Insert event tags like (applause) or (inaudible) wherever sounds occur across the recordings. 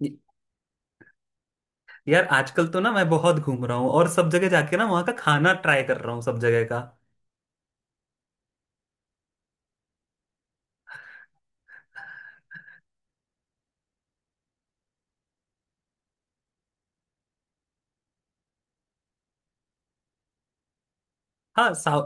य- यार आजकल तो ना मैं बहुत घूम रहा हूँ, और सब जगह जाके ना वहाँ का खाना ट्राई कर रहा हूँ सब जगह का। हाँ,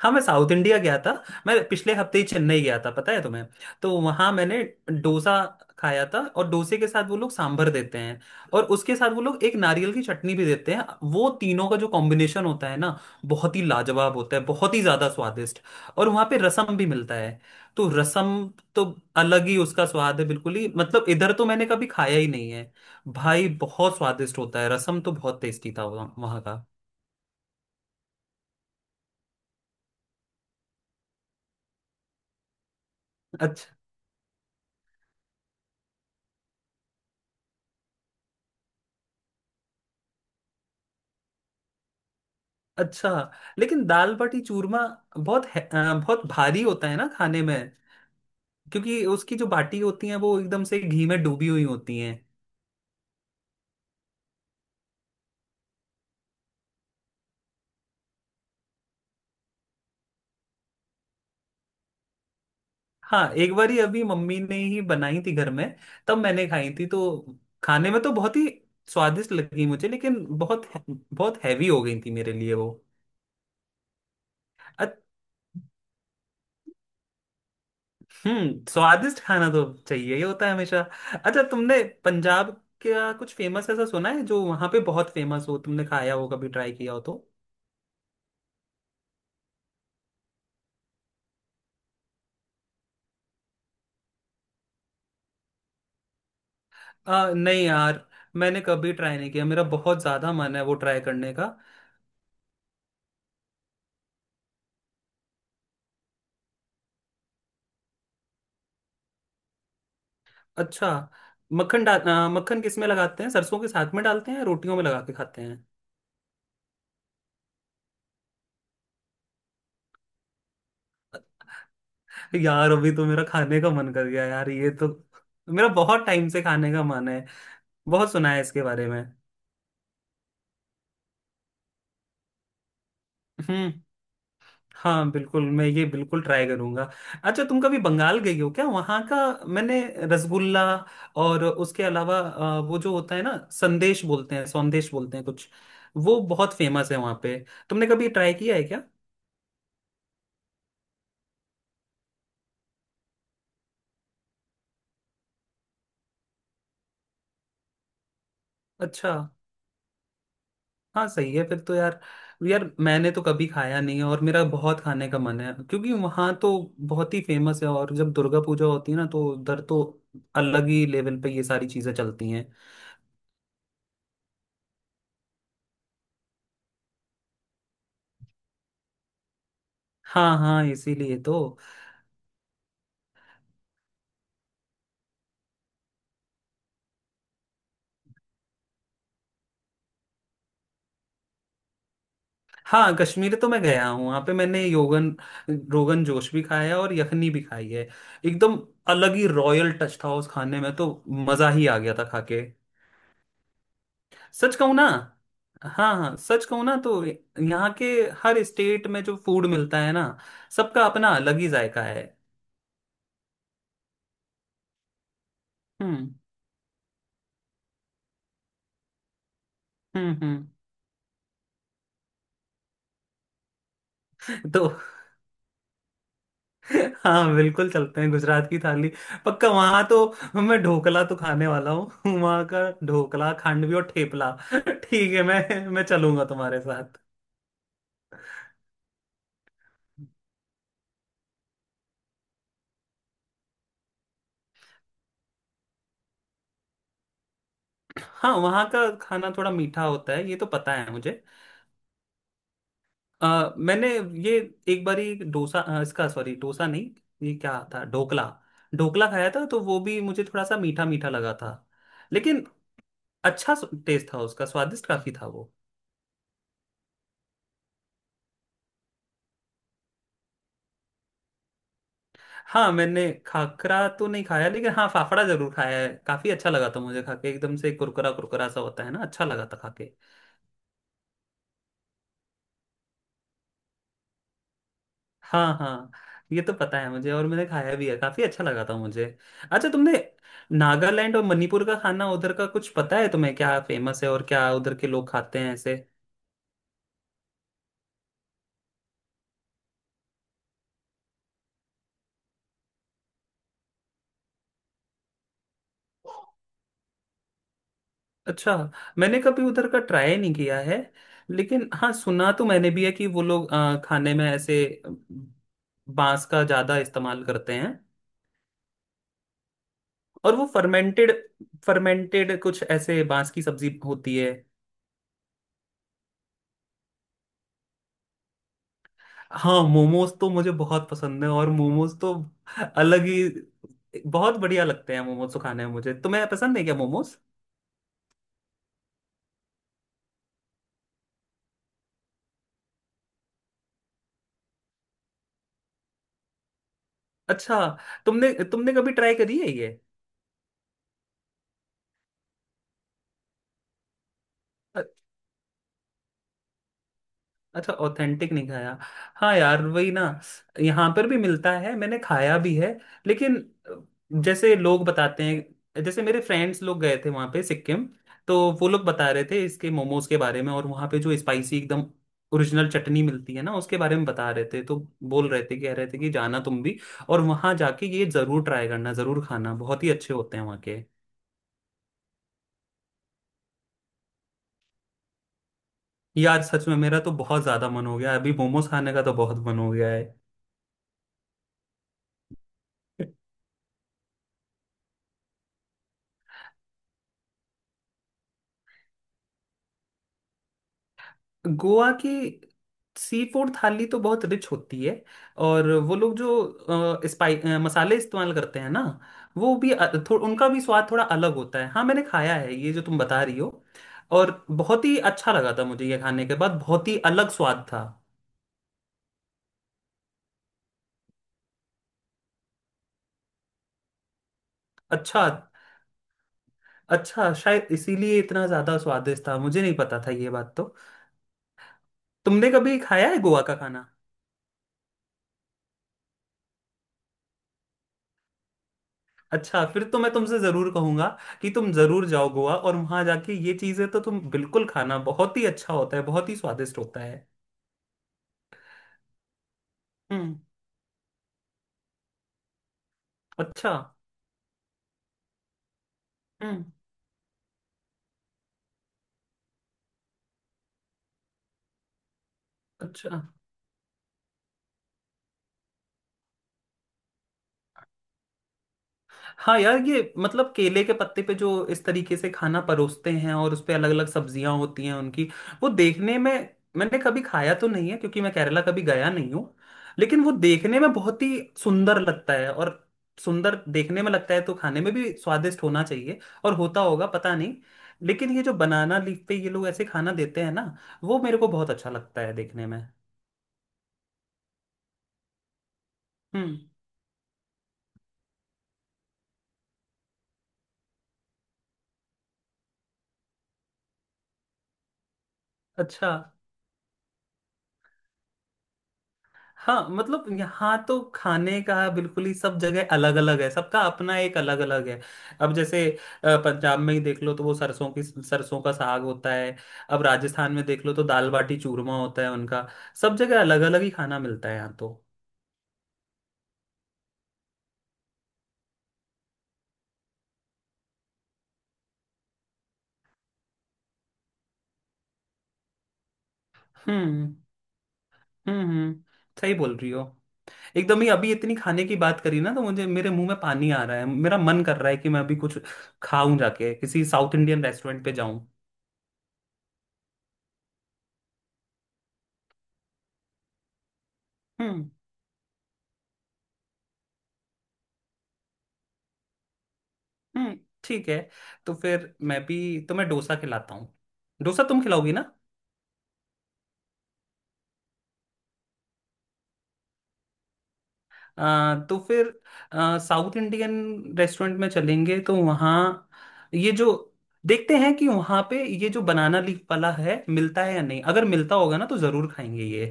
हाँ, मैं साउथ इंडिया गया था। मैं पिछले हफ्ते ही चेन्नई गया था, पता है तुम्हें। तो वहां मैंने डोसा खाया था, और डोसे के साथ वो लोग सांभर देते हैं, और उसके साथ वो लोग एक नारियल की चटनी भी देते हैं। वो तीनों का जो कॉम्बिनेशन होता है ना, बहुत ही लाजवाब होता है, बहुत ही ज्यादा स्वादिष्ट। और वहां पे रसम भी मिलता है। तो रसम तो अलग ही उसका स्वाद है, बिल्कुल ही, मतलब इधर तो मैंने कभी खाया ही नहीं है। भाई बहुत स्वादिष्ट होता है रसम तो, बहुत टेस्टी था वहाँ वहाँ का। अच्छा। अच्छा, लेकिन दाल बाटी चूरमा बहुत भारी होता है ना खाने में। क्योंकि उसकी जो बाटी होती है वो एकदम से घी में डूबी हुई होती हैं। हाँ, एक बारी अभी मम्मी ने ही बनाई थी घर में। तब मैंने खाई थी, तो खाने में तो बहुत ही स्वादिष्ट लगी मुझे, लेकिन बहुत बहुत हैवी हो गई थी मेरे लिए वो। अच- हम्म, स्वादिष्ट खाना तो चाहिए, ये होता है हमेशा। अच्छा, तुमने पंजाब का कुछ फेमस ऐसा सुना है, जो वहां पे बहुत फेमस हो, तुमने खाया हो, कभी ट्राई किया हो तो? नहीं यार, मैंने कभी ट्राई नहीं किया, मेरा बहुत ज्यादा मन है वो ट्राई करने का। अच्छा, मक्खन किस में लगाते हैं? सरसों के साथ में डालते हैं, या रोटियों में लगा के खाते हैं? यार अभी तो मेरा खाने का मन कर गया यार, ये तो मेरा बहुत टाइम से खाने का मन है, बहुत सुना है इसके बारे में। हम्म। हाँ, बिल्कुल मैं ये बिल्कुल ट्राई करूंगा। अच्छा, तुम कभी बंगाल गई हो क्या? वहाँ का मैंने रसगुल्ला और उसके अलावा वो जो होता है ना, संदेश बोलते हैं, सौंदेश बोलते हैं कुछ, वो बहुत फेमस है वहाँ पे। तुमने कभी ट्राई किया है क्या? अच्छा, हाँ सही है फिर तो यार। यार मैंने तो कभी खाया नहीं है, और मेरा बहुत खाने का मन है, क्योंकि वहाँ तो बहुत ही फेमस है। और जब दुर्गा पूजा होती है ना, तो उधर तो अलग ही लेवल पे ये सारी चीजें चलती हैं। हाँ हाँ, इसीलिए तो। हाँ, कश्मीर तो मैं गया हूँ, वहां पे मैंने योगन, रोगन जोश भी खाया है, और यखनी भी खाई है। एकदम अलग ही रॉयल टच था उस खाने में तो, मजा ही आ गया था खा के। सच कहूँ ना, हाँ हाँ, सच कहूँ ना तो यहाँ के हर स्टेट में जो फूड मिलता है ना, सबका अपना अलग ही जायका है। हम्म। हम्म। (laughs) तो हाँ बिल्कुल, चलते हैं गुजरात की थाली। पक्का वहां तो मैं ढोकला तो खाने वाला हूँ वहां का। ढोकला, खांडवी और ठेपला। ठीक है, मैं चलूंगा तुम्हारे साथ। हाँ, वहाँ का खाना थोड़ा मीठा होता है, ये तो पता है मुझे। मैंने ये एक बारी डोसा, इसका, सॉरी डोसा नहीं, ये क्या था, ढोकला। ढोकला खाया था, तो वो भी मुझे थोड़ा सा मीठा मीठा लगा था, लेकिन अच्छा टेस्ट था उसका, स्वादिष्ट काफी था वो। हाँ, मैंने खाकरा तो नहीं खाया, लेकिन हाँ, फाफड़ा जरूर खाया है, काफी अच्छा लगा था मुझे खाके, एकदम से कुरकुरा कुरकुरा सा होता है ना, अच्छा लगा था खाके। हाँ हाँ, ये तो पता है मुझे, और मैंने खाया भी है, काफी अच्छा लगा था मुझे। अच्छा, तुमने नागालैंड और मणिपुर का खाना, उधर का कुछ पता है तुम्हें, क्या फेमस है और क्या उधर के लोग खाते हैं ऐसे? अच्छा, मैंने कभी उधर का ट्राई नहीं किया है। लेकिन हाँ, सुना तो मैंने भी है कि वो लोग खाने में ऐसे बांस का ज्यादा इस्तेमाल करते हैं। और वो फर्मेंटेड फर्मेंटेड कुछ ऐसे बांस की सब्जी होती है। हाँ, मोमोज तो मुझे बहुत पसंद है, और मोमोज तो अलग ही बहुत बढ़िया लगते हैं मोमोज तो खाने में मुझे। तुम्हें पसंद है क्या मोमोज? अच्छा, तुमने तुमने कभी ट्राई करी है ये? अच्छा, ऑथेंटिक नहीं खाया। हाँ यार, वही ना, यहाँ पर भी मिलता है, मैंने खाया भी है। लेकिन जैसे लोग बताते हैं, जैसे मेरे फ्रेंड्स लोग गए थे वहाँ पे सिक्किम, तो वो लोग बता रहे थे इसके मोमोज के बारे में, और वहाँ पे जो स्पाइसी एकदम ओरिजिनल चटनी मिलती है ना, उसके बारे में बता रहे थे। तो बोल रहे थे, कह रहे थे कि जाना तुम भी, और वहाँ जाके ये जरूर ट्राई करना, जरूर खाना, बहुत ही अच्छे होते हैं वहाँ के। यार सच में मेरा तो बहुत ज्यादा मन हो गया, अभी मोमोज खाने का तो बहुत मन हो गया है। गोवा की सी फूड थाली तो बहुत रिच होती है। और वो लोग जो मसाले इस्तेमाल करते हैं ना, वो भी, उनका भी स्वाद थोड़ा अलग होता है। हाँ, मैंने खाया है ये जो तुम बता रही हो, और बहुत ही अच्छा लगा था मुझे ये खाने के बाद, बहुत ही अलग स्वाद था। अच्छा, अच्छा, शायद इसीलिए इतना ज़्यादा स्वादिष्ट था, मुझे नहीं पता था ये बात तो। तुमने कभी खाया है गोवा का खाना? अच्छा, फिर तो मैं तुमसे जरूर कहूंगा कि तुम जरूर जाओ गोवा, और वहां जाके ये चीजें तो तुम बिल्कुल खाना, बहुत ही अच्छा होता है, बहुत ही स्वादिष्ट होता है। हम्म। अच्छा। हम्म। अच्छा, हाँ यार, ये मतलब केले के पत्ते पे जो इस तरीके से खाना परोसते हैं, और उस पे अलग अलग सब्जियां होती हैं उनकी, वो देखने में, मैंने कभी खाया तो नहीं है, क्योंकि मैं केरला कभी गया नहीं हूँ। लेकिन वो देखने में बहुत ही सुंदर लगता है, और सुंदर देखने में लगता है, तो खाने में भी स्वादिष्ट होना चाहिए, और होता होगा, पता नहीं। लेकिन ये जो बनाना लीफ पे ये लोग ऐसे खाना देते हैं ना, वो मेरे को बहुत अच्छा लगता है देखने में। हम्म। अच्छा, हाँ, मतलब यहाँ तो खाने का बिल्कुल ही सब जगह अलग अलग है, सबका अपना एक अलग अलग है। अब जैसे पंजाब में ही देख लो, तो वो सरसों की, सरसों का साग होता है। अब राजस्थान में देख लो, तो दाल बाटी चूरमा होता है उनका। सब जगह अलग अलग ही खाना मिलता है यहाँ तो। हम्म। हम्म, सही बोल रही हो एकदम ही। अभी इतनी खाने की बात करी ना, तो मुझे, मेरे मुंह में पानी आ रहा है, मेरा मन कर रहा है कि मैं अभी कुछ खाऊं, जाके किसी साउथ इंडियन रेस्टोरेंट पे जाऊं। हम्म। नहीं, ठीक है, तो फिर मैं भी तुम्हें डोसा खिलाता हूँ। डोसा तुम खिलाओगी ना? आ, तो फिर आ, साउथ इंडियन रेस्टोरेंट में चलेंगे, तो वहाँ ये जो, देखते हैं कि वहाँ पे ये जो बनाना लीफ वाला है मिलता है या नहीं, अगर मिलता होगा ना, तो ज़रूर खाएंगे ये।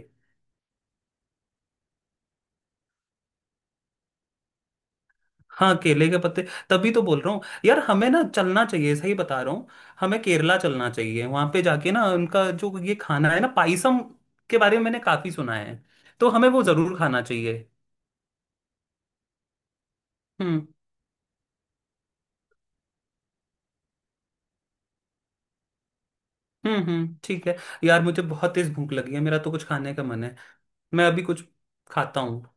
हाँ, केले के पत्ते, तभी तो बोल रहा हूँ यार, हमें ना चलना चाहिए, सही बता रहा हूँ, हमें केरला चलना चाहिए। वहाँ पे जाके ना, उनका जो ये खाना है ना, पाइसम के बारे में मैंने काफ़ी सुना है, तो हमें वो ज़रूर खाना चाहिए। हम्म। हम्म, ठीक है। यार मुझे बहुत तेज भूख लगी है, मेरा तो कुछ खाने का मन है, मैं अभी कुछ खाता हूँ।